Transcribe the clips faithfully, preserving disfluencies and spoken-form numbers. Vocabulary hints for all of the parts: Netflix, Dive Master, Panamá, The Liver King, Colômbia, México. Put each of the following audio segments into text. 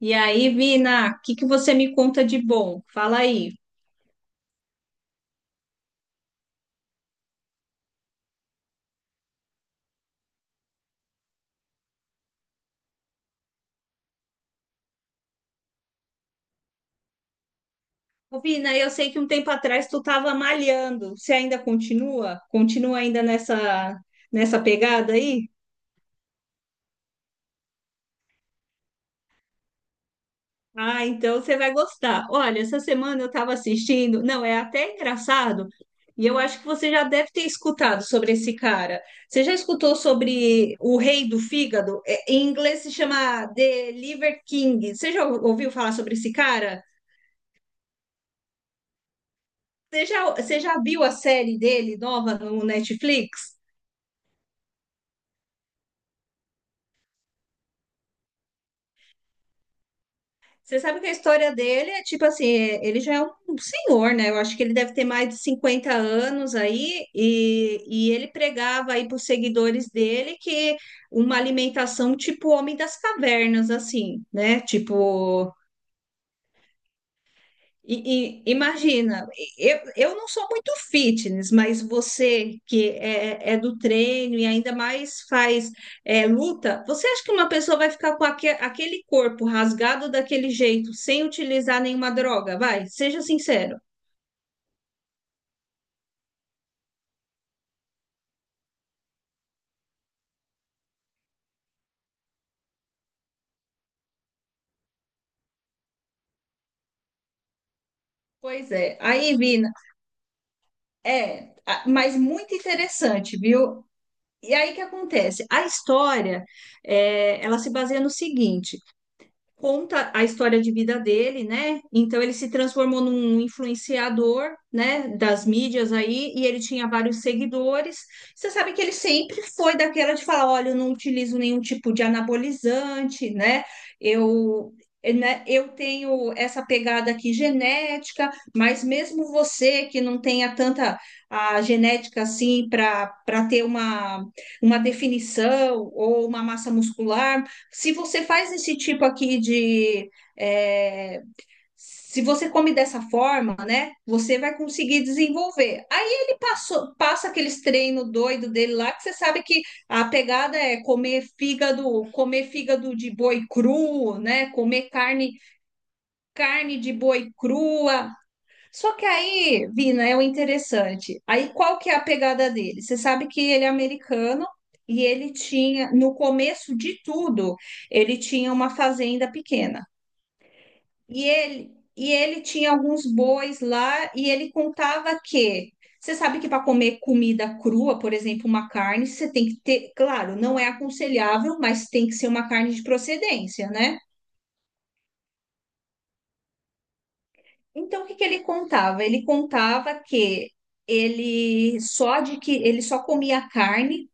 E aí, Vina, o que que você me conta de bom? Fala aí. Ô, Vina, eu sei que um tempo atrás tu estava malhando. Você ainda continua? Continua ainda nessa nessa pegada aí? Ah, então você vai gostar. Olha, essa semana eu estava assistindo. Não, é até engraçado. E eu acho que você já deve ter escutado sobre esse cara. Você já escutou sobre o rei do fígado? É, em inglês se chama The Liver King. Você já ouviu falar sobre esse cara? Você já, você já viu a série dele nova no Netflix? Você sabe que a história dele é tipo assim, é- ele já é um senhor, né? Eu acho que ele deve ter mais de cinquenta anos aí, e, e ele pregava aí para os seguidores dele que uma alimentação tipo homem das cavernas, assim, né? Tipo, E, e- imagina, eu, eu não sou muito fitness, mas você que é, é, do treino e ainda mais faz é, luta. Você acha que uma pessoa vai ficar com aque- aquele corpo rasgado daquele jeito, sem utilizar nenhuma droga? Vai, seja sincero. Pois é, aí, Vina, é, a- mas muito interessante, viu? E aí o que acontece? A história, é, ela se baseia no seguinte. Conta a história de vida dele, né? Então ele se transformou num influenciador, né, das mídias aí, e ele tinha vários seguidores. Você sabe que ele sempre foi daquela de falar, olha, eu não utilizo nenhum tipo de anabolizante, né? Eu eh, né? Eu tenho essa pegada aqui genética, mas mesmo você que não tenha tanta a genética assim para para ter uma, uma definição ou uma massa muscular, se você faz esse tipo aqui de. é, Se você come dessa forma, né? Você vai conseguir desenvolver. Aí ele passou, passa aqueles treinos doido dele lá, que você sabe que a pegada é comer fígado, comer fígado de boi cru, né? Comer carne, carne de boi crua. Só que aí, Vina, é o interessante. Aí qual que é a pegada dele? Você sabe que ele é americano e ele tinha, no começo de tudo, ele tinha uma fazenda pequena. E ele, e ele tinha alguns bois lá e ele contava que você sabe que para comer comida crua, por exemplo, uma carne, você tem que ter, claro, não é aconselhável, mas tem que ser uma carne de procedência, né? Então, o que que ele contava? Ele contava que ele só de que ele só comia carne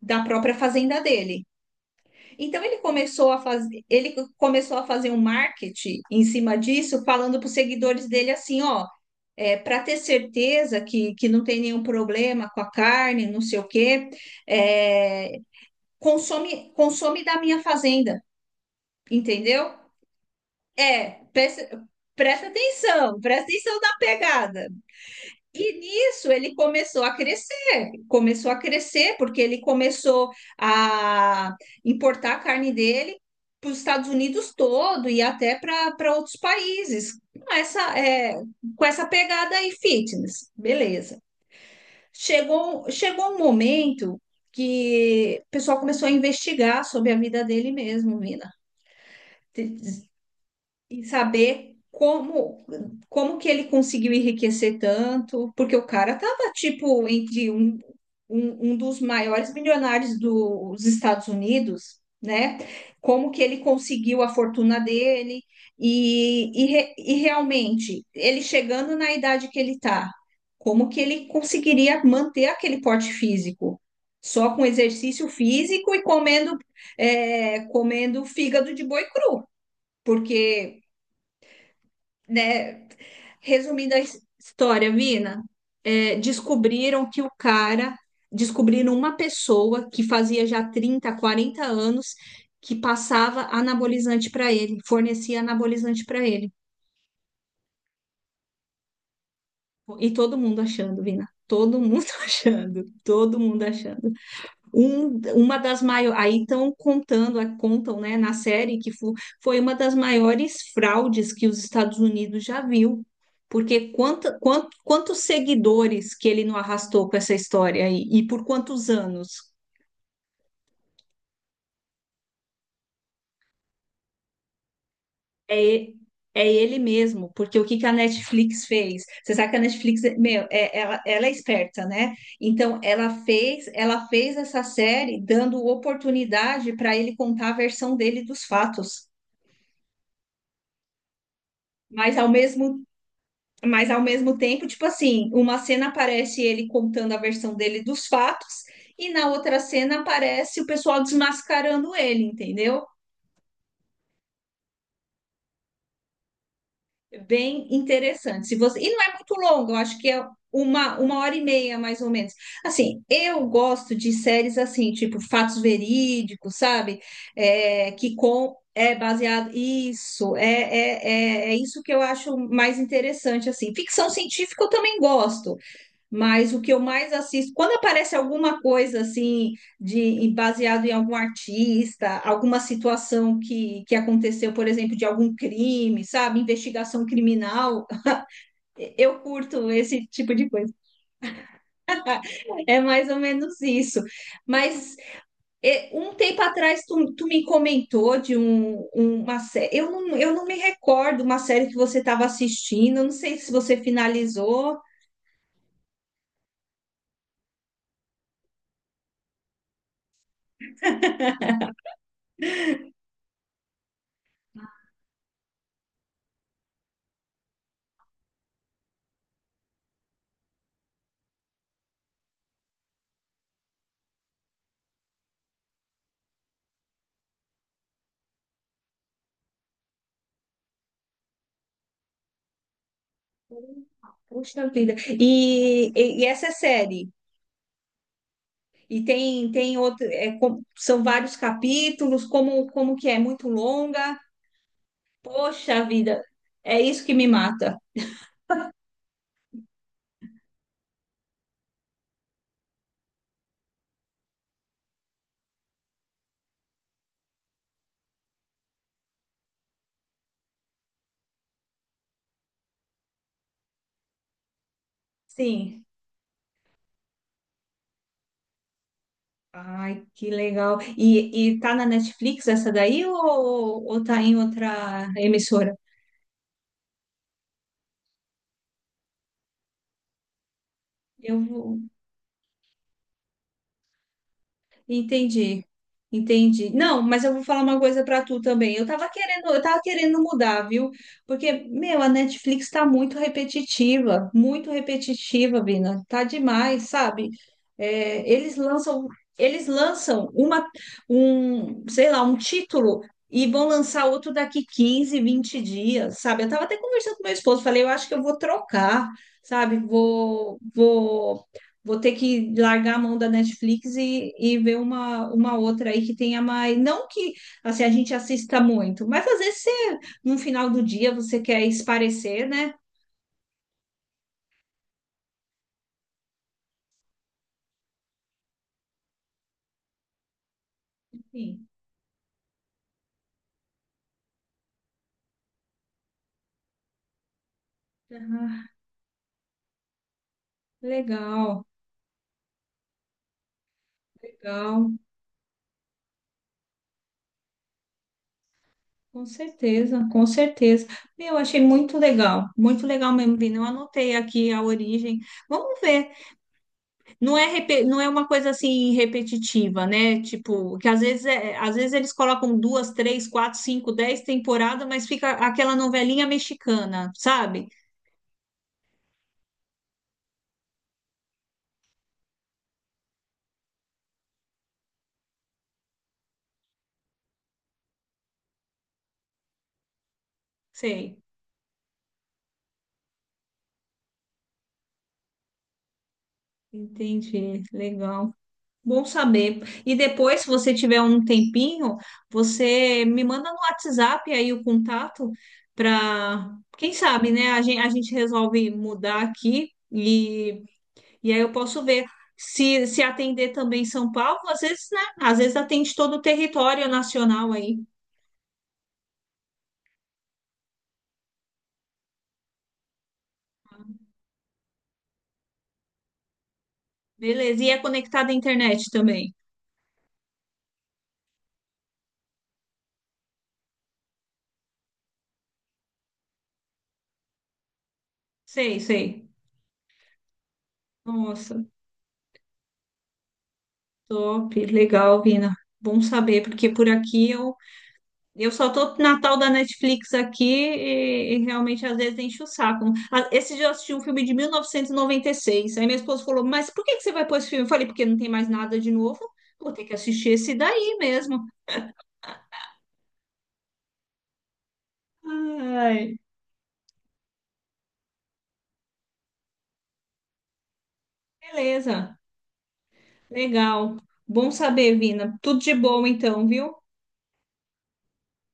da própria fazenda dele. Então ele começou a fazer, ele começou a fazer um marketing em cima disso, falando para os seguidores dele assim, ó, é, para ter certeza que, que não tem nenhum problema com a carne, não sei o quê, é, consome consome da minha fazenda, entendeu? É, presta, presta atenção, presta atenção na pegada. E nisso ele começou a crescer, começou a crescer, porque ele começou a importar a carne dele para os Estados Unidos todo e até para para outros países, com essa, é, com essa pegada aí fitness, beleza. Chegou, chegou um momento que o pessoal começou a investigar sobre a vida dele mesmo, Mina, e saber como como que ele conseguiu enriquecer tanto, porque o cara tava tipo entre um, um, um dos maiores milionários dos Estados Unidos, né? Como que ele conseguiu a fortuna dele e, e, re- e realmente ele chegando na idade que ele tá, como que ele conseguiria manter aquele porte físico? Só com exercício físico e comendo, é, comendo fígado de boi cru, porque né? Resumindo a his- história, Vina, é, descobriram que o cara, descobriram uma pessoa que fazia já trinta, quarenta anos que passava anabolizante para ele, fornecia anabolizante para ele. E todo mundo achando, Vina, todo mundo achando, todo mundo achando. Um, uma das maiores, aí estão contando, a- contam, né, na série que fo- foi uma das maiores fraudes que os Estados Unidos já viu, porque quanta, quant- quantos seguidores que ele não arrastou com essa história aí, e por quantos anos? É, e- É ele mesmo, porque o que que a Netflix fez? Você sabe que a Netflix, é- meu, é- ela, ela é esperta, né? Então, ela fez, ela fez essa série dando oportunidade para ele contar a versão dele dos fatos. Mas ao mesmo Mas ao mesmo tempo, tipo assim, uma cena aparece ele contando a versão dele dos fatos, e na outra cena aparece o pessoal desmascarando ele, entendeu? É bem interessante. Se você... E não é muito longo, eu acho que é uma, uma hora e meia, mais ou menos. Assim, eu gosto de séries assim, tipo fatos verídicos, sabe? É, que com é baseado. Isso, é, é, é, é isso que eu acho mais interessante, assim. Ficção científica eu também gosto. Mas o que eu mais assisto, quando aparece alguma coisa assim de baseado em algum artista, alguma situação que, que aconteceu, por exemplo, de algum crime, sabe, investigação criminal, eu curto esse tipo de coisa. É mais ou menos isso. Mas é, um tempo atrás tu, tu me comentou de um, um, uma série. Eu não, eu não me recordo uma série que você estava assistindo. Eu não sei se você finalizou. Puxa vida. E, e, e essa é série. E tem, tem outro, é, com- são vários capítulos, como, como que é? É muito longa. Poxa vida, é isso que me mata. Sim. Ai, que legal. E, e tá na Netflix essa daí ou, ou tá em outra emissora? Eu vou. Entendi, entendi. Não, mas eu vou falar uma coisa pra tu também. Eu tava querendo, eu tava querendo mudar, viu? Porque, meu, a Netflix tá muito repetitiva, muito repetitiva, Vina. Tá demais, sabe? É, eles lançam, eles lançam uma, um, sei lá, um título e vão lançar outro daqui quinze, vinte dias, sabe? Eu tava até conversando com meu esposo, falei, eu acho que eu vou trocar, sabe? Vou, vou vou ter que largar a mão da Netflix e, e ver uma, uma outra aí que tenha mais. Não que assim, a gente assista muito, mas às vezes você, no final do dia você quer esparecer, né? Enfim. Ah, legal, legal. Com certeza, com certeza. Meu, achei muito legal, muito legal mesmo, Vini. Eu anotei aqui a origem. Vamos ver. Não é, repe- não é uma coisa assim repetitiva, né? Tipo, que às vezes, é- às vezes eles colocam duas, três, quatro, cinco, dez temporadas, mas fica aquela novelinha mexicana, sabe? Sei. Entendi. Legal. Bom saber. E depois, se você tiver um tempinho, você me manda no WhatsApp aí o contato para, quem sabe, né? A gente, a gente resolve mudar aqui. e E aí eu posso ver se, se atender também São Paulo, às vezes, né? Às vezes atende todo o território nacional aí. Beleza. E é conectado à internet também. Sei, sei. Nossa, top. Legal, Vina. Bom saber, porque por aqui eu, eu só tô na tal da Netflix aqui e, e realmente às vezes enche o saco. Ah, esse dia eu assisti um filme de mil novecentos e noventa e seis. Aí minha esposa falou: Mas por que que você vai pôr esse filme? Eu falei: Porque não tem mais nada de novo. Vou ter que assistir esse daí mesmo. Ai, beleza. Legal. Bom saber, Vina. Tudo de bom então, viu?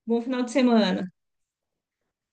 Bom final de semana.